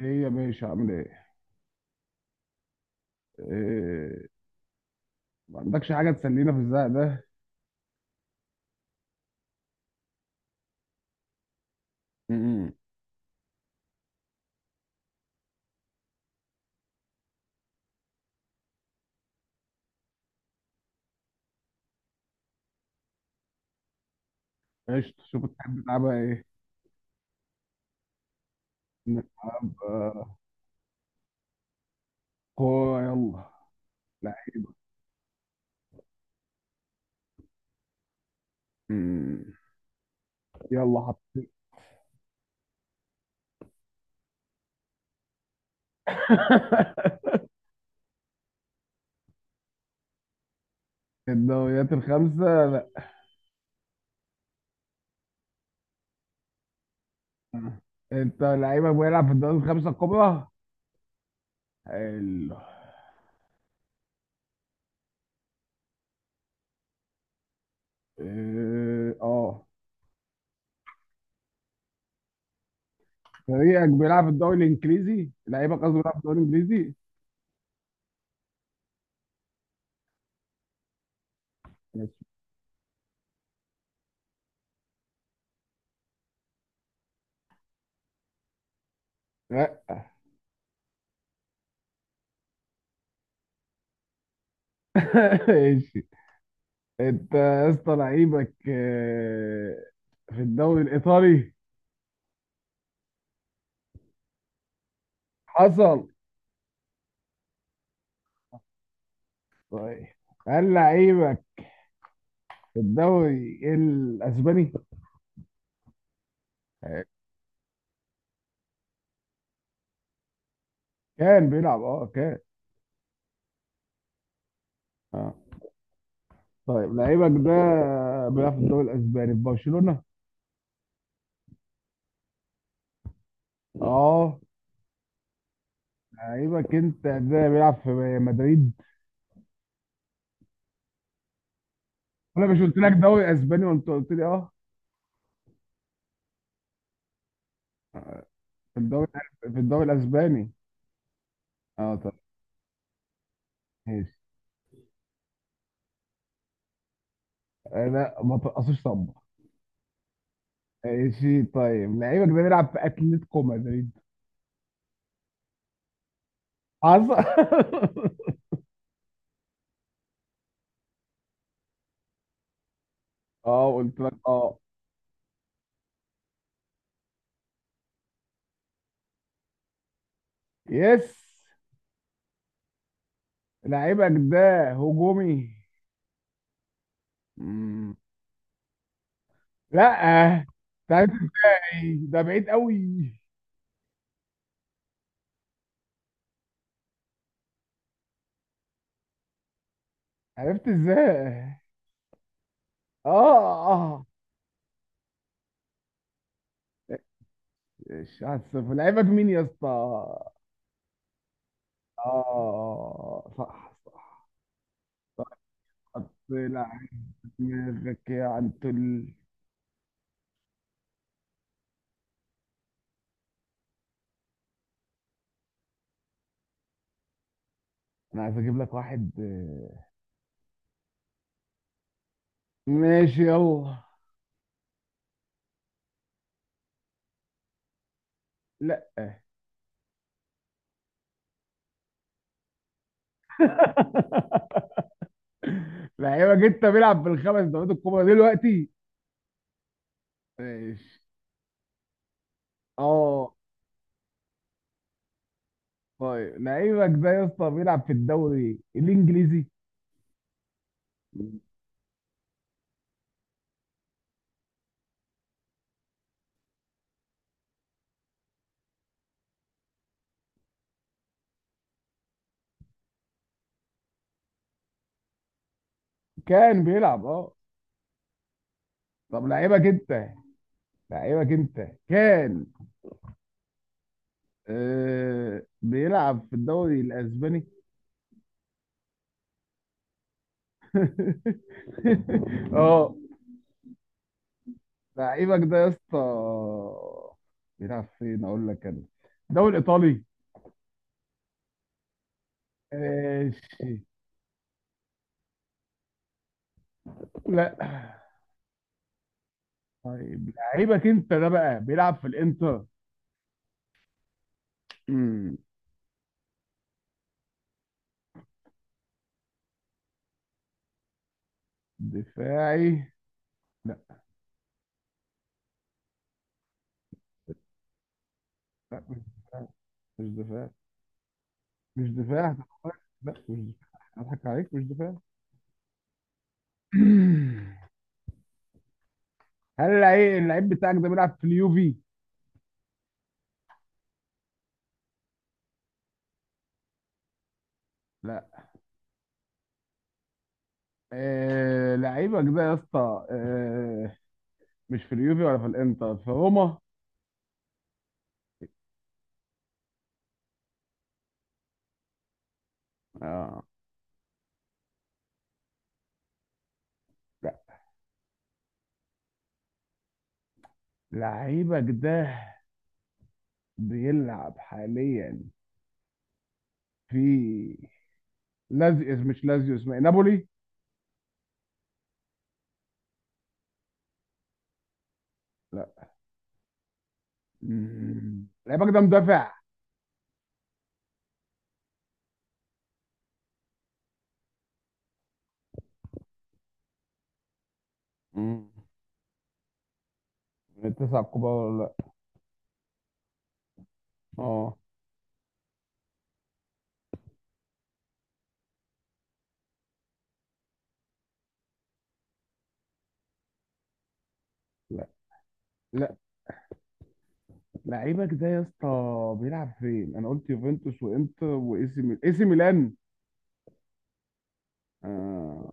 ايه يا باشا، عامل ايه؟ إيه، ما عندكش حاجة تسلينا في الزق ده؟ امم قشطة، شوف الحاجات بقى ايه؟ نلعب. كورة يلا. لا. مم. يلا حطيت. الدوريات الخمسة لا. انت لعيبك بيلعب في الدوري الخمسة الكبرى؟ حلو. إيه، اه. فريقك بيلعب في الدوري الانجليزي؟ لعيبك قصدي بيلعب في الدوري الانجليزي؟ ماشي. لا. ماشي. انت يا اسطى لعيبك في الدوري الايطالي. حصل. طيب، هل لعيبك في الدوري الاسباني؟ آه، كان بيلعب، كان. اه. طيب، لعيبك ده بيلعب في الدوري الاسباني في برشلونة؟ اه. لعيبك انت ده بيلعب في مدريد؟ انا مش قلت لك دوري اسباني وانت قلت لي اه؟ في الدوري في الدوري الاسباني. اه، طب ماشي. انا ما ترقصيش طب. ماشي، طيب لعيبك ده بيلعب في اتلتيكو مدريد؟ حصل. اه، قلت لك اه. يس. لعيبك ده هجومي. مم. لا، انت عرفت ازاي؟ ده بعيد قوي. عرفت ازاي؟ اه، اه. ماشي، 1-0. لعيبك مين يا اسطى؟ اه، صح صح صح. حط لعيب دماغك يا عنتل. انا عايز اجيب لك واحد. آه، ماشي يلا. لا. لعيبك انت بيلعب بالخمس دوريات الكبرى دلوقتي؟ ماشي. اه. طيب، لعيبك ده يا اسطى بيلعب في الدوري الانجليزي؟ كان بيلعب، طب لعيبك انت كان آه بيلعب في الدوري الاسباني. اه. لعيبك ده يا اسطى بيلعب فين؟ اقول لك انا؟ الدوري الايطالي. ماشي. لا. طيب، لعيبك انت ده بقى بيلعب في الانتر؟ امم دفاعي؟ لا. لا، مش دفاع، مش دفاع، مش دفاع. لا، مش دفاع. اضحك عليك، مش دفاع. هل اللعيب بتاعك ده بيلعب في اليوفي؟ لا. لعيبك ده يا اسطى، مش في اليوفي ولا في الانتر في روما؟ اه. لا. لعيبك ده بيلعب حاليا في لازيوس، مش لازيوس. اسمه إيه؟ نابولي؟ مم. لعيبك ده مدافع؟ مم. من التسعة الكبار ولا لا؟ اه. لا، لا. لعيبك ده يا اسطى بيلعب فين؟ انا قلت يوفنتوس وانتر واي سي ميلان، اي سي ميلان. آه.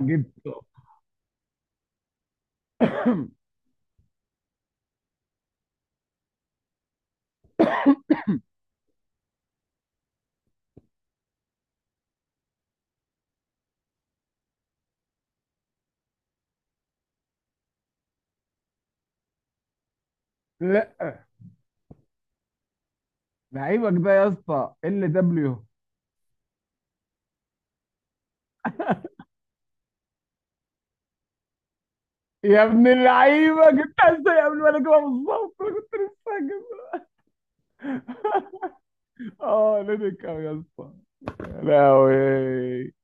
جبته. لا. لعيبك ده يا اسطى ال دبليو. يا ابن اللعيبه، جبتها ازاي قبل ما انا اجيبها بالظبط؟ انا كنت لسه هجيبها. اه، لينيكا يا اسطى. يا لهوي.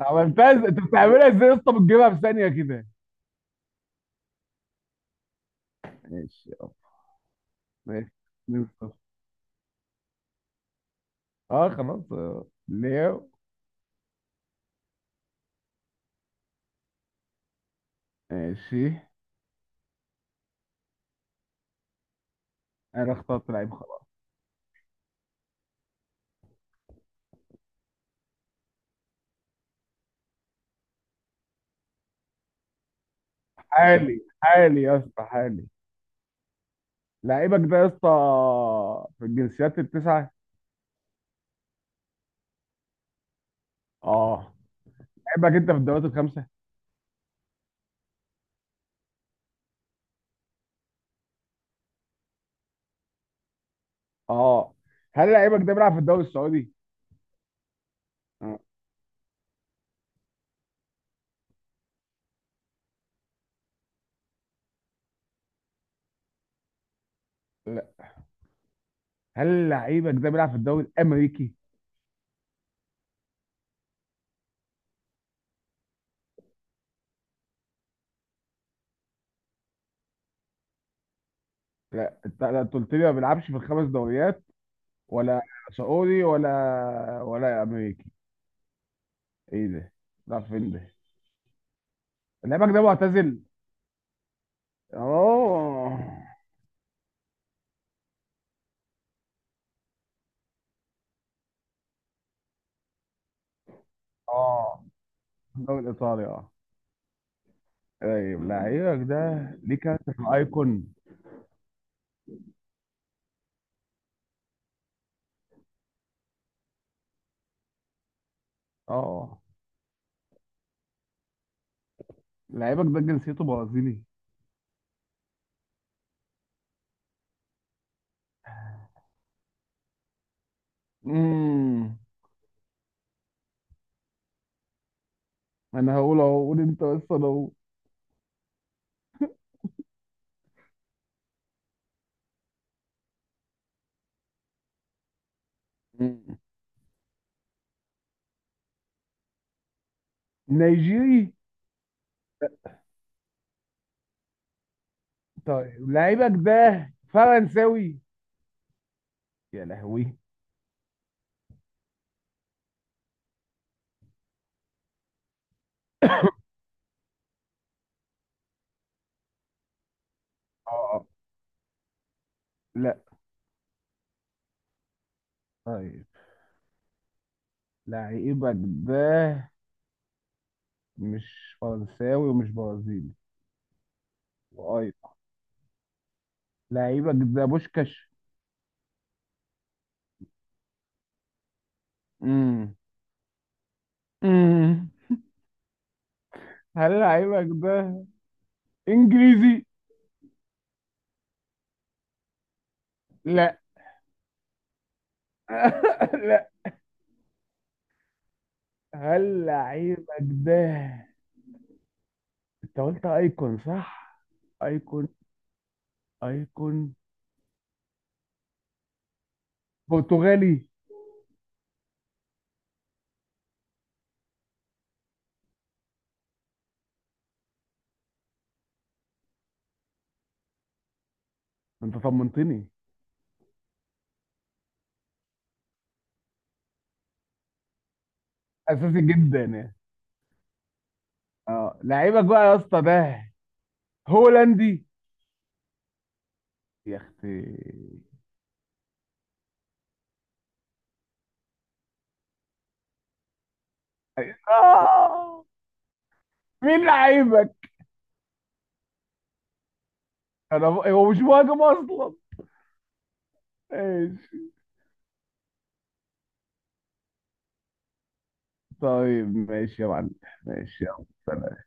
عملتها ازاي؟ انت بتعملها ازاي يا اسطى؟ بتجيبها في ثانيه كده. ماشي، ماشي. نيوكاسل. اه، خلاص. آه. ليو. ماشي. انا اخترت لعيب، خلاص. حالي، حالي يا اسطى، حالي. لعيبك ده يا اسطى في الجنسيات التسعة؟ اه. لعيبك انت في الدوريات الخمسة؟ اه. هل لعيبك ده بيلعب في الدوري السعودي؟ آه. لا. هل لعيبك ده بيلعب في الدوري الامريكي؟ لا، انت لا، أنت قلت لي ما بيلعبش في الخمس دوريات ولا سعودي ولا امريكي. ايه ده؟ بيلعب فين ده؟ لعيبك ده معتزل؟ اه، اه. الدوري الايطالي اه. طيب، مم. لعيبك ده ليه كارت في الايكون؟ اه. لعيبك ده جنسيته برازيلي؟ مم. انا هقول اهو، قول انت، بس انا اهو. مم. نيجيري. طيب، لعيبك ده فرنساوي؟ يا لهوي. اه، لا. طيب، لعيبك ده مش فرنساوي ومش برازيلي، وايضا لعيبك ده بوشكاش. مم. مم. هل لعيبك ده انجليزي؟ لا. لا. هل لعيبك ده، انت قلت ايكون، صح؟ ايكون. ايكون برتغالي؟ انت طمنتني. اساسي جدا يعني. اه، لعيبك بقى يا اسطى ده هولندي؟ يا اختي. آه. مين لعيبك؟ انا هو مش مهاجم اصلا. ماشي. طيب، ماشي يا معلم. ماشي يلا.